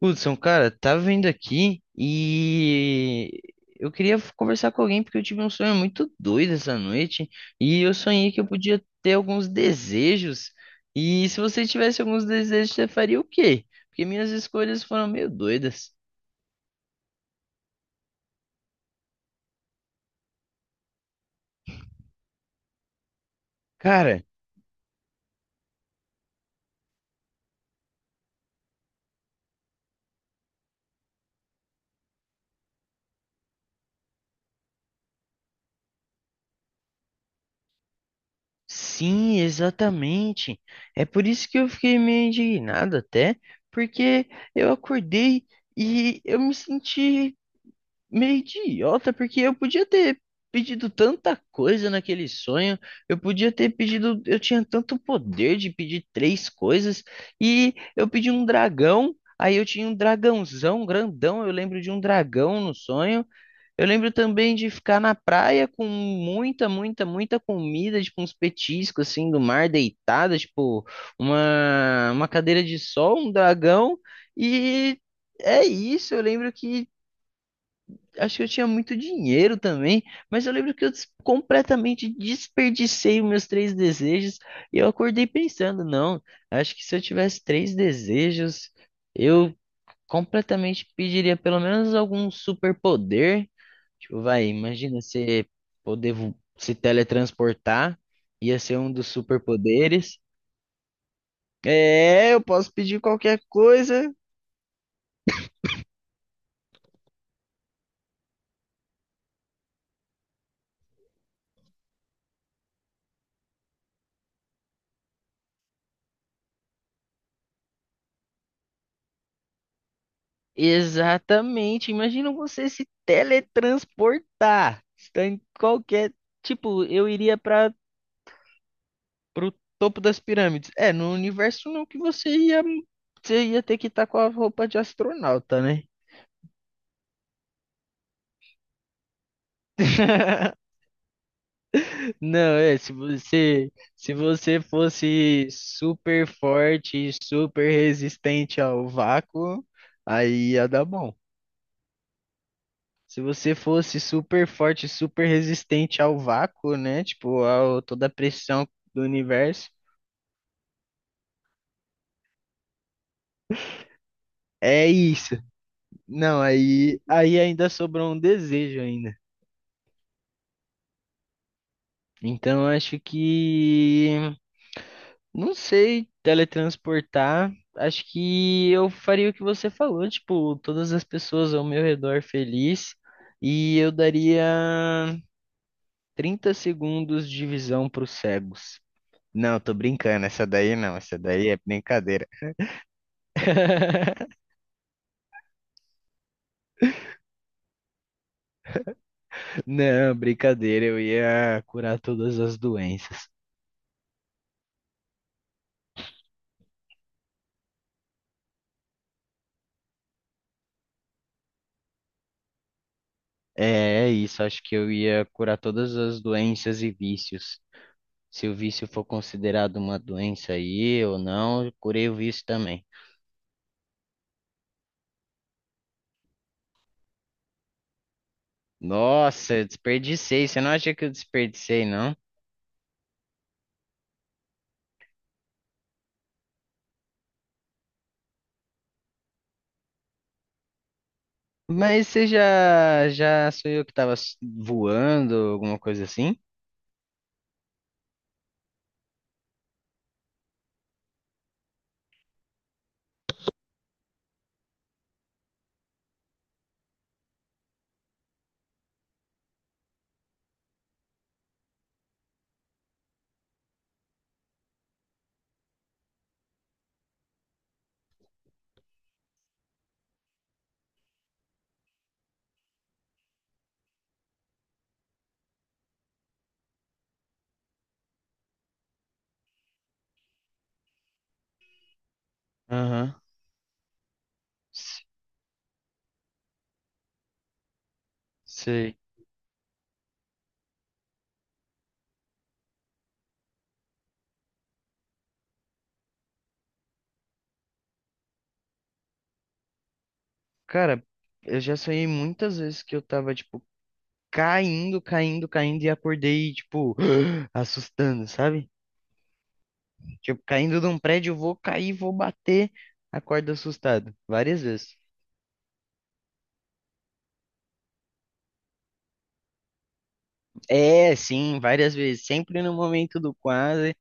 Hudson, cara, tava vindo aqui e eu queria conversar com alguém porque eu tive um sonho muito doido essa noite e eu sonhei que eu podia ter alguns desejos. E se você tivesse alguns desejos, você faria o quê? Porque minhas escolhas foram meio doidas. Cara, sim, exatamente. É por isso que eu fiquei meio indignado até, porque eu acordei e eu me senti meio idiota, porque eu podia ter pedido tanta coisa naquele sonho, eu podia ter pedido, eu tinha tanto poder de pedir três coisas, e eu pedi um dragão, aí eu tinha um dragãozão grandão, eu lembro de um dragão no sonho. Eu lembro também de ficar na praia com muita, muita, muita comida, tipo uns petiscos assim do mar deitada, tipo uma cadeira de sol, um dragão e é isso, eu lembro que acho que eu tinha muito dinheiro também, mas eu lembro que completamente desperdicei os meus três desejos e eu acordei pensando, não, acho que se eu tivesse três desejos, eu completamente pediria pelo menos algum superpoder. Tipo, vai, imagina você se teletransportar, ia ser um dos superpoderes. É, eu posso pedir qualquer coisa. Exatamente. Imagina você se teletransportar. Está em qualquer. Tipo, eu iria para o topo das pirâmides. É, no universo não que você ia. Você ia ter que estar com a roupa de astronauta, né? Não, é, se você fosse super forte, super resistente ao vácuo, aí ia dar bom. Se você fosse super forte, super resistente ao vácuo, né? Tipo, a toda a pressão do universo. É isso. Não, aí ainda sobrou um desejo ainda. Então acho que não sei teletransportar. Acho que eu faria o que você falou, tipo, todas as pessoas ao meu redor feliz e eu daria 30 segundos de visão para os cegos. Não, tô brincando, essa daí não, essa daí é brincadeira. Não, brincadeira, eu ia curar todas as doenças. É isso, acho que eu ia curar todas as doenças e vícios. Se o vício for considerado uma doença aí ou não, eu curei o vício também. Nossa, eu desperdicei, você não acha que eu desperdicei, não? Mas você já, já sou eu que voando, alguma coisa assim? Aham, s- sei. Cara, eu já sonhei muitas vezes que eu tava, tipo, caindo, caindo, caindo e acordei, tipo, assustando, sabe? Tipo, caindo de um prédio, vou cair, vou bater, acordo assustado, várias vezes. É, sim, várias vezes, sempre no momento do quase.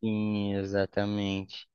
Sim, exatamente.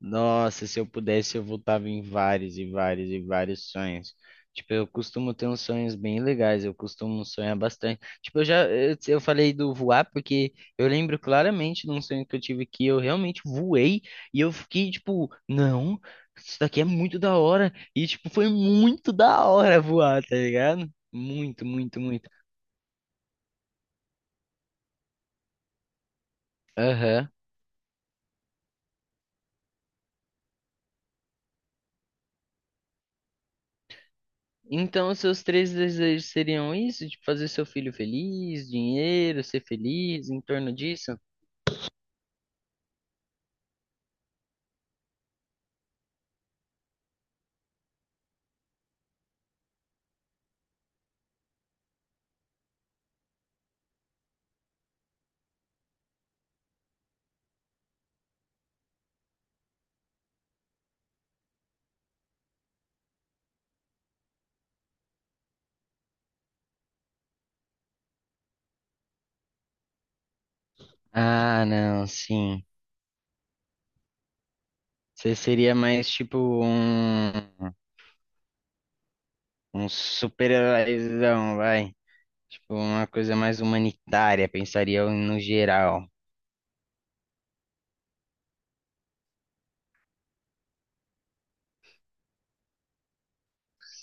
Nossa, se eu pudesse, eu voltava em vários e vários e vários sonhos. Tipo, eu costumo ter uns sonhos bem legais, eu costumo sonhar bastante. Tipo, eu já, eu falei do voar porque eu lembro claramente de um sonho que eu tive que eu realmente voei e eu fiquei tipo, não, isso daqui é muito da hora. E tipo, foi muito da hora voar, tá ligado? Muito, muito, muito. Aham. Então, os seus três desejos seriam isso? Tipo, fazer seu filho feliz, dinheiro, ser feliz, em torno disso? Ah, não, sim. Você seria mais tipo um, um super-heróizão, vai. Tipo, uma coisa mais humanitária, pensaria eu no geral.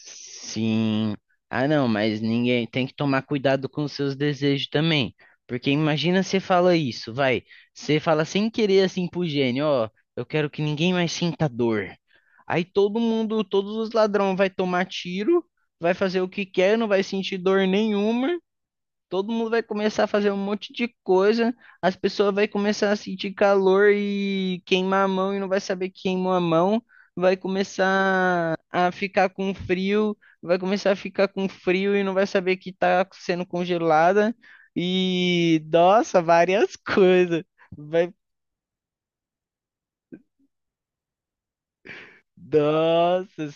Sim. Ah, não, mas ninguém tem que tomar cuidado com os seus desejos também. Porque imagina você fala isso, vai. Você fala sem querer assim pro gênio, ó, eu quero que ninguém mais sinta dor. Aí todo mundo, todos os ladrões vai tomar tiro, vai fazer o que quer, não vai sentir dor nenhuma. Todo mundo vai começar a fazer um monte de coisa, as pessoas vão começar a sentir calor e queimar a mão e não vai saber que queimou a mão, vai começar a ficar com frio, e não vai saber que está sendo congelada e nossa, várias coisas. Vai, nossa,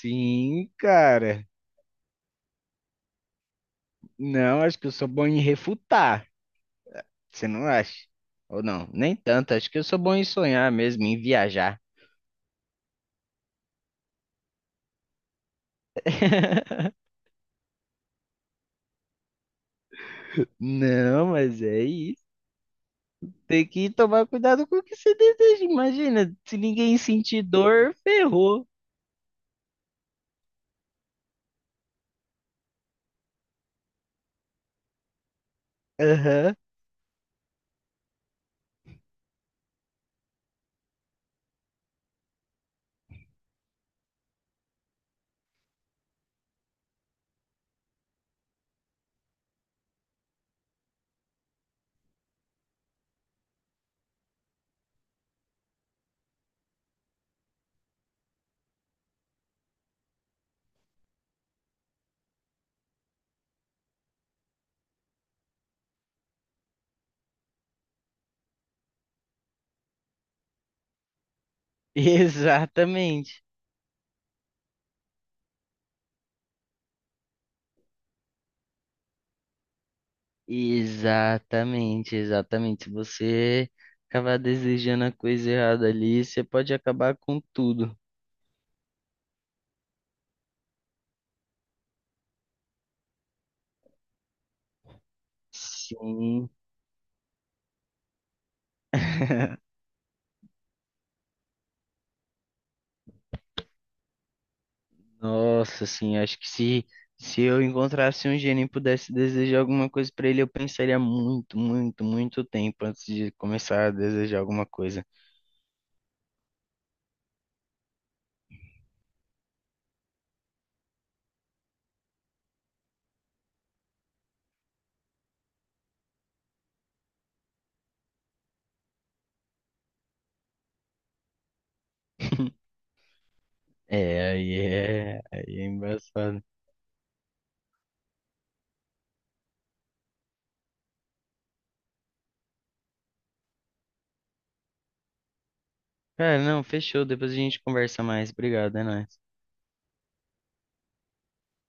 sim, cara. Não, acho que eu sou bom em refutar. Você não acha? Ou não, nem tanto. Acho que eu sou bom em sonhar mesmo, em viajar. Não, mas é isso. Tem que tomar cuidado com o que você deseja. Imagina, se ninguém sentir dor, ferrou. Aham. Exatamente. Exatamente, exatamente. Se você acabar desejando a coisa errada ali, você pode acabar com tudo. Sim. Nossa, sim, acho que se eu encontrasse um gênio e pudesse desejar alguma coisa pra ele, eu pensaria muito, muito, muito tempo antes de começar a desejar alguma coisa. Aí é embaçado. Cara, não, fechou. Depois a gente conversa mais. Obrigado, é nóis.